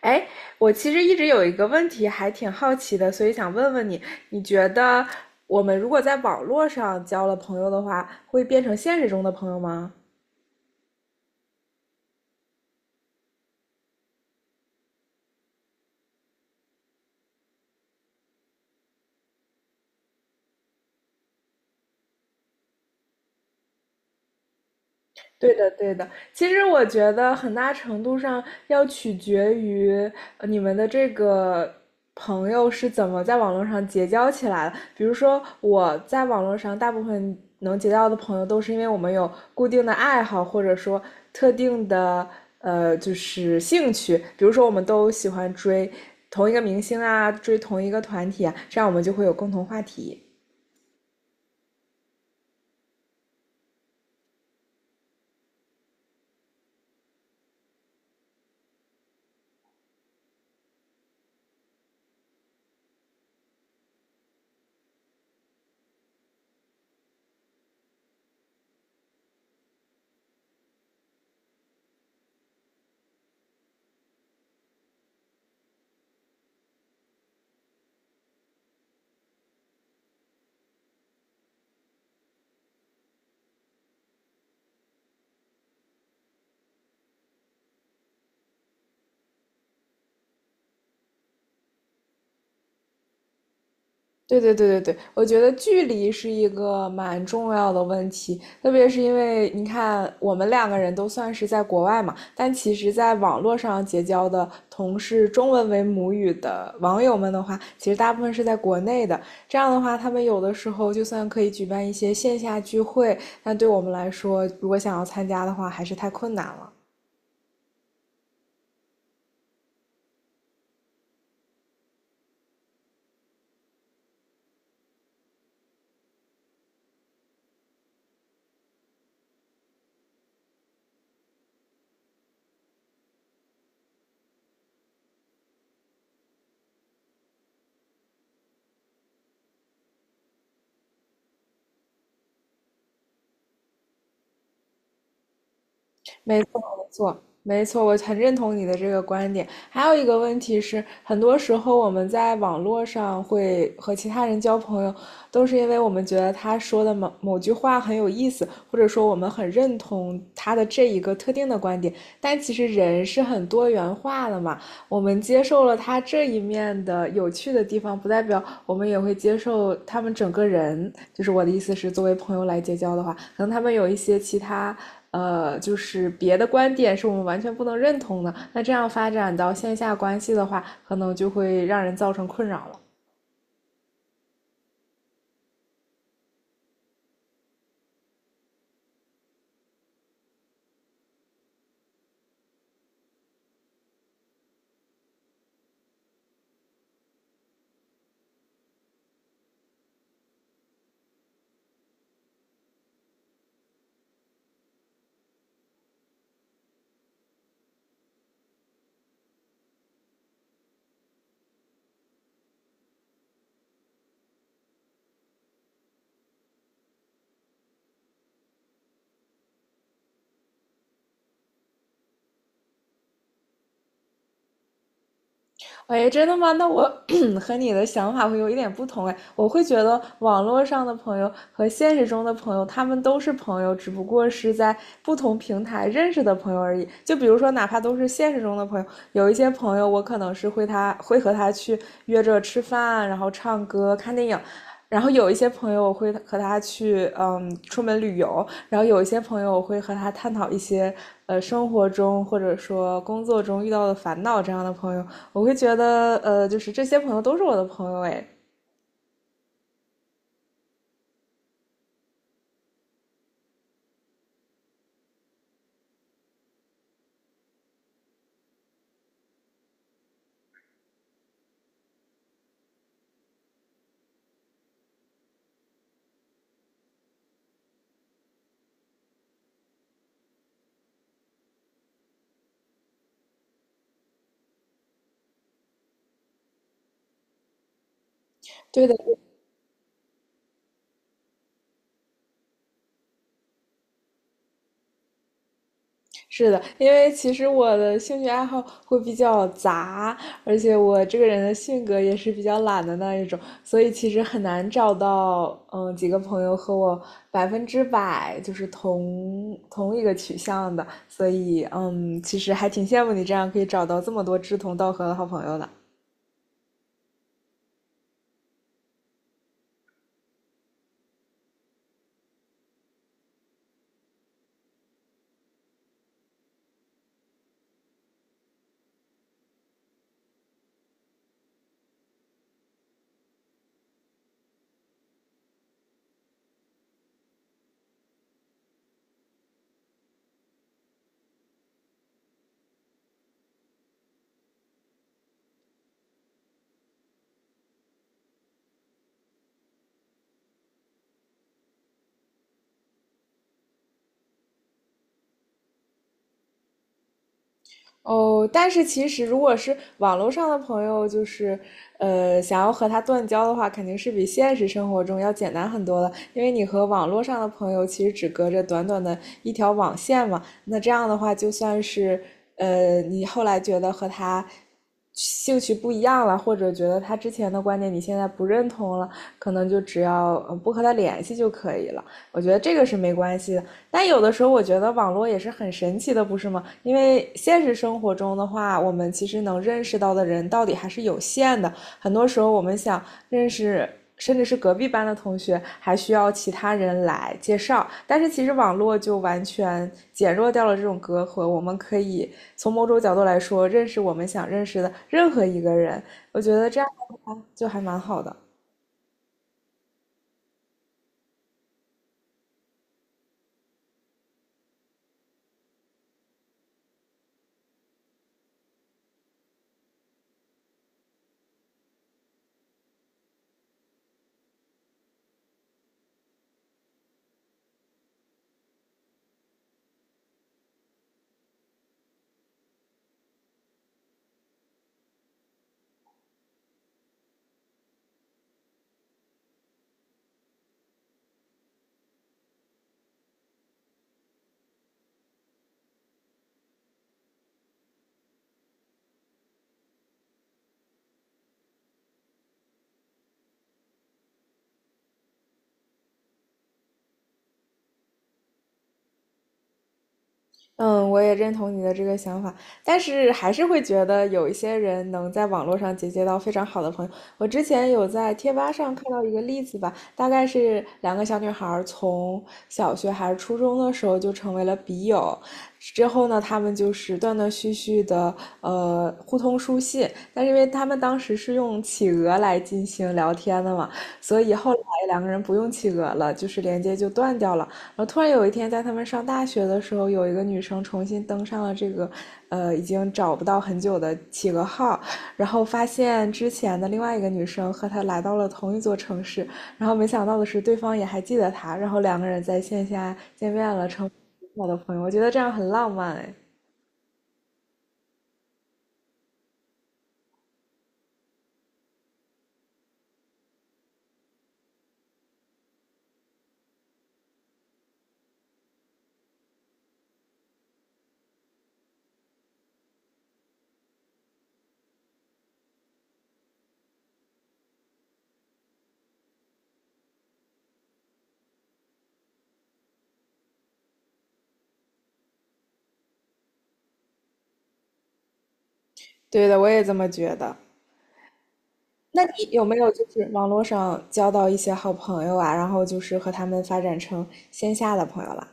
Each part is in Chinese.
哎，我其实一直有一个问题还挺好奇的，所以想问问你，你觉得我们如果在网络上交了朋友的话，会变成现实中的朋友吗？对的，对的。其实我觉得很大程度上要取决于你们的这个朋友是怎么在网络上结交起来的。比如说，我在网络上大部分能结交的朋友，都是因为我们有固定的爱好，或者说特定的就是兴趣。比如说，我们都喜欢追同一个明星啊，追同一个团体啊，这样我们就会有共同话题。对对对对对，我觉得距离是一个蛮重要的问题，特别是因为你看，我们两个人都算是在国外嘛，但其实在网络上结交的同是中文为母语的网友们的话，其实大部分是在国内的。这样的话，他们有的时候就算可以举办一些线下聚会，但对我们来说，如果想要参加的话，还是太困难了。没错，没错，没错，我很认同你的这个观点。还有一个问题是，很多时候我们在网络上会和其他人交朋友，都是因为我们觉得他说的某某句话很有意思，或者说我们很认同他的这一个特定的观点。但其实人是很多元化的嘛，我们接受了他这一面的有趣的地方，不代表我们也会接受他们整个人。就是我的意思是，作为朋友来结交的话，可能他们有一些其他。就是别的观点是我们完全不能认同的，那这样发展到线下关系的话，可能就会让人造成困扰了。喂，真的吗？那我 和你的想法会有一点不同哎，我会觉得网络上的朋友和现实中的朋友，他们都是朋友，只不过是在不同平台认识的朋友而已。就比如说，哪怕都是现实中的朋友，有一些朋友我可能是会他会和他去约着吃饭，然后唱歌、看电影。然后有一些朋友我会和他去，嗯，出门旅游。然后有一些朋友我会和他探讨一些，生活中或者说工作中遇到的烦恼这样的朋友。我会觉得，就是这些朋友都是我的朋友，哎，对的，是的，因为其实我的兴趣爱好会比较杂，而且我这个人的性格也是比较懒的那一种，所以其实很难找到，嗯，几个朋友和我百分之百就是同一个取向的，所以，嗯，其实还挺羡慕你这样可以找到这么多志同道合的好朋友的。哦，但是其实如果是网络上的朋友，就是想要和他断交的话，肯定是比现实生活中要简单很多的，因为你和网络上的朋友其实只隔着短短的一条网线嘛。那这样的话，就算是你后来觉得和他兴趣不一样了，或者觉得他之前的观点你现在不认同了，可能就只要不和他联系就可以了。我觉得这个是没关系的。但有的时候我觉得网络也是很神奇的，不是吗？因为现实生活中的话，我们其实能认识到的人到底还是有限的。很多时候我们想认识，甚至是隔壁班的同学，还需要其他人来介绍。但是其实网络就完全减弱掉了这种隔阂，我们可以从某种角度来说，认识我们想认识的任何一个人。我觉得这样的话就还蛮好的。嗯，我也认同你的这个想法，但是还是会觉得有一些人能在网络上结交到非常好的朋友。我之前有在贴吧上看到一个例子吧，大概是两个小女孩儿从小学还是初中的时候就成为了笔友，之后呢，他们就是断断续续的互通书信，但是因为他们当时是用企鹅来进行聊天的嘛，所以后来两个人不用企鹅了，就是连接就断掉了。然后突然有一天，在他们上大学的时候，有一个女生重新登上了这个，已经找不到很久的企鹅号，然后发现之前的另外一个女生和她来到了同一座城市，然后没想到的是，对方也还记得她，然后两个人在线下见面了，成为我的朋友。我觉得这样很浪漫哎。对的，我也这么觉得。那你有没有就是网络上交到一些好朋友啊，然后就是和他们发展成线下的朋友了？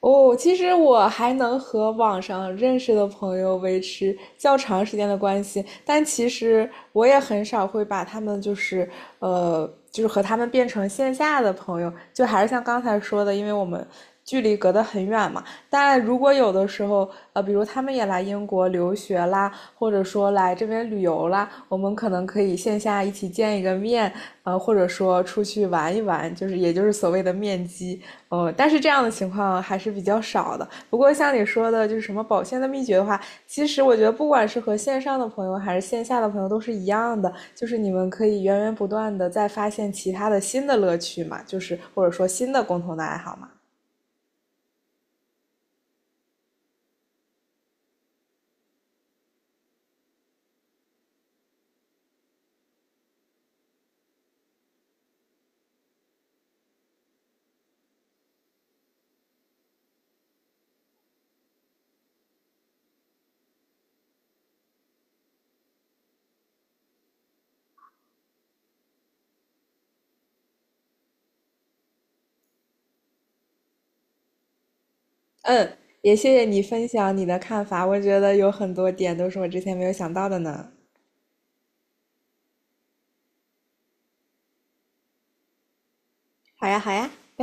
哦，其实我还能和网上认识的朋友维持较长时间的关系，但其实我也很少会把他们就是就是和他们变成线下的朋友，就还是像刚才说的，因为我们距离隔得很远嘛。但如果有的时候，呃，比如他们也来英国留学啦，或者说来这边旅游啦，我们可能可以线下一起见一个面，或者说出去玩一玩，就是也就是所谓的面基。哦，但是这样的情况还是比较少的。不过像你说的，就是什么保鲜的秘诀的话，其实我觉得不管是和线上的朋友还是线下的朋友都是一样的，就是你们可以源源不断的再发现其他的新的乐趣嘛，就是或者说新的共同的爱好嘛。嗯，也谢谢你分享你的看法，我觉得有很多点都是我之前没有想到的呢。好呀，好呀。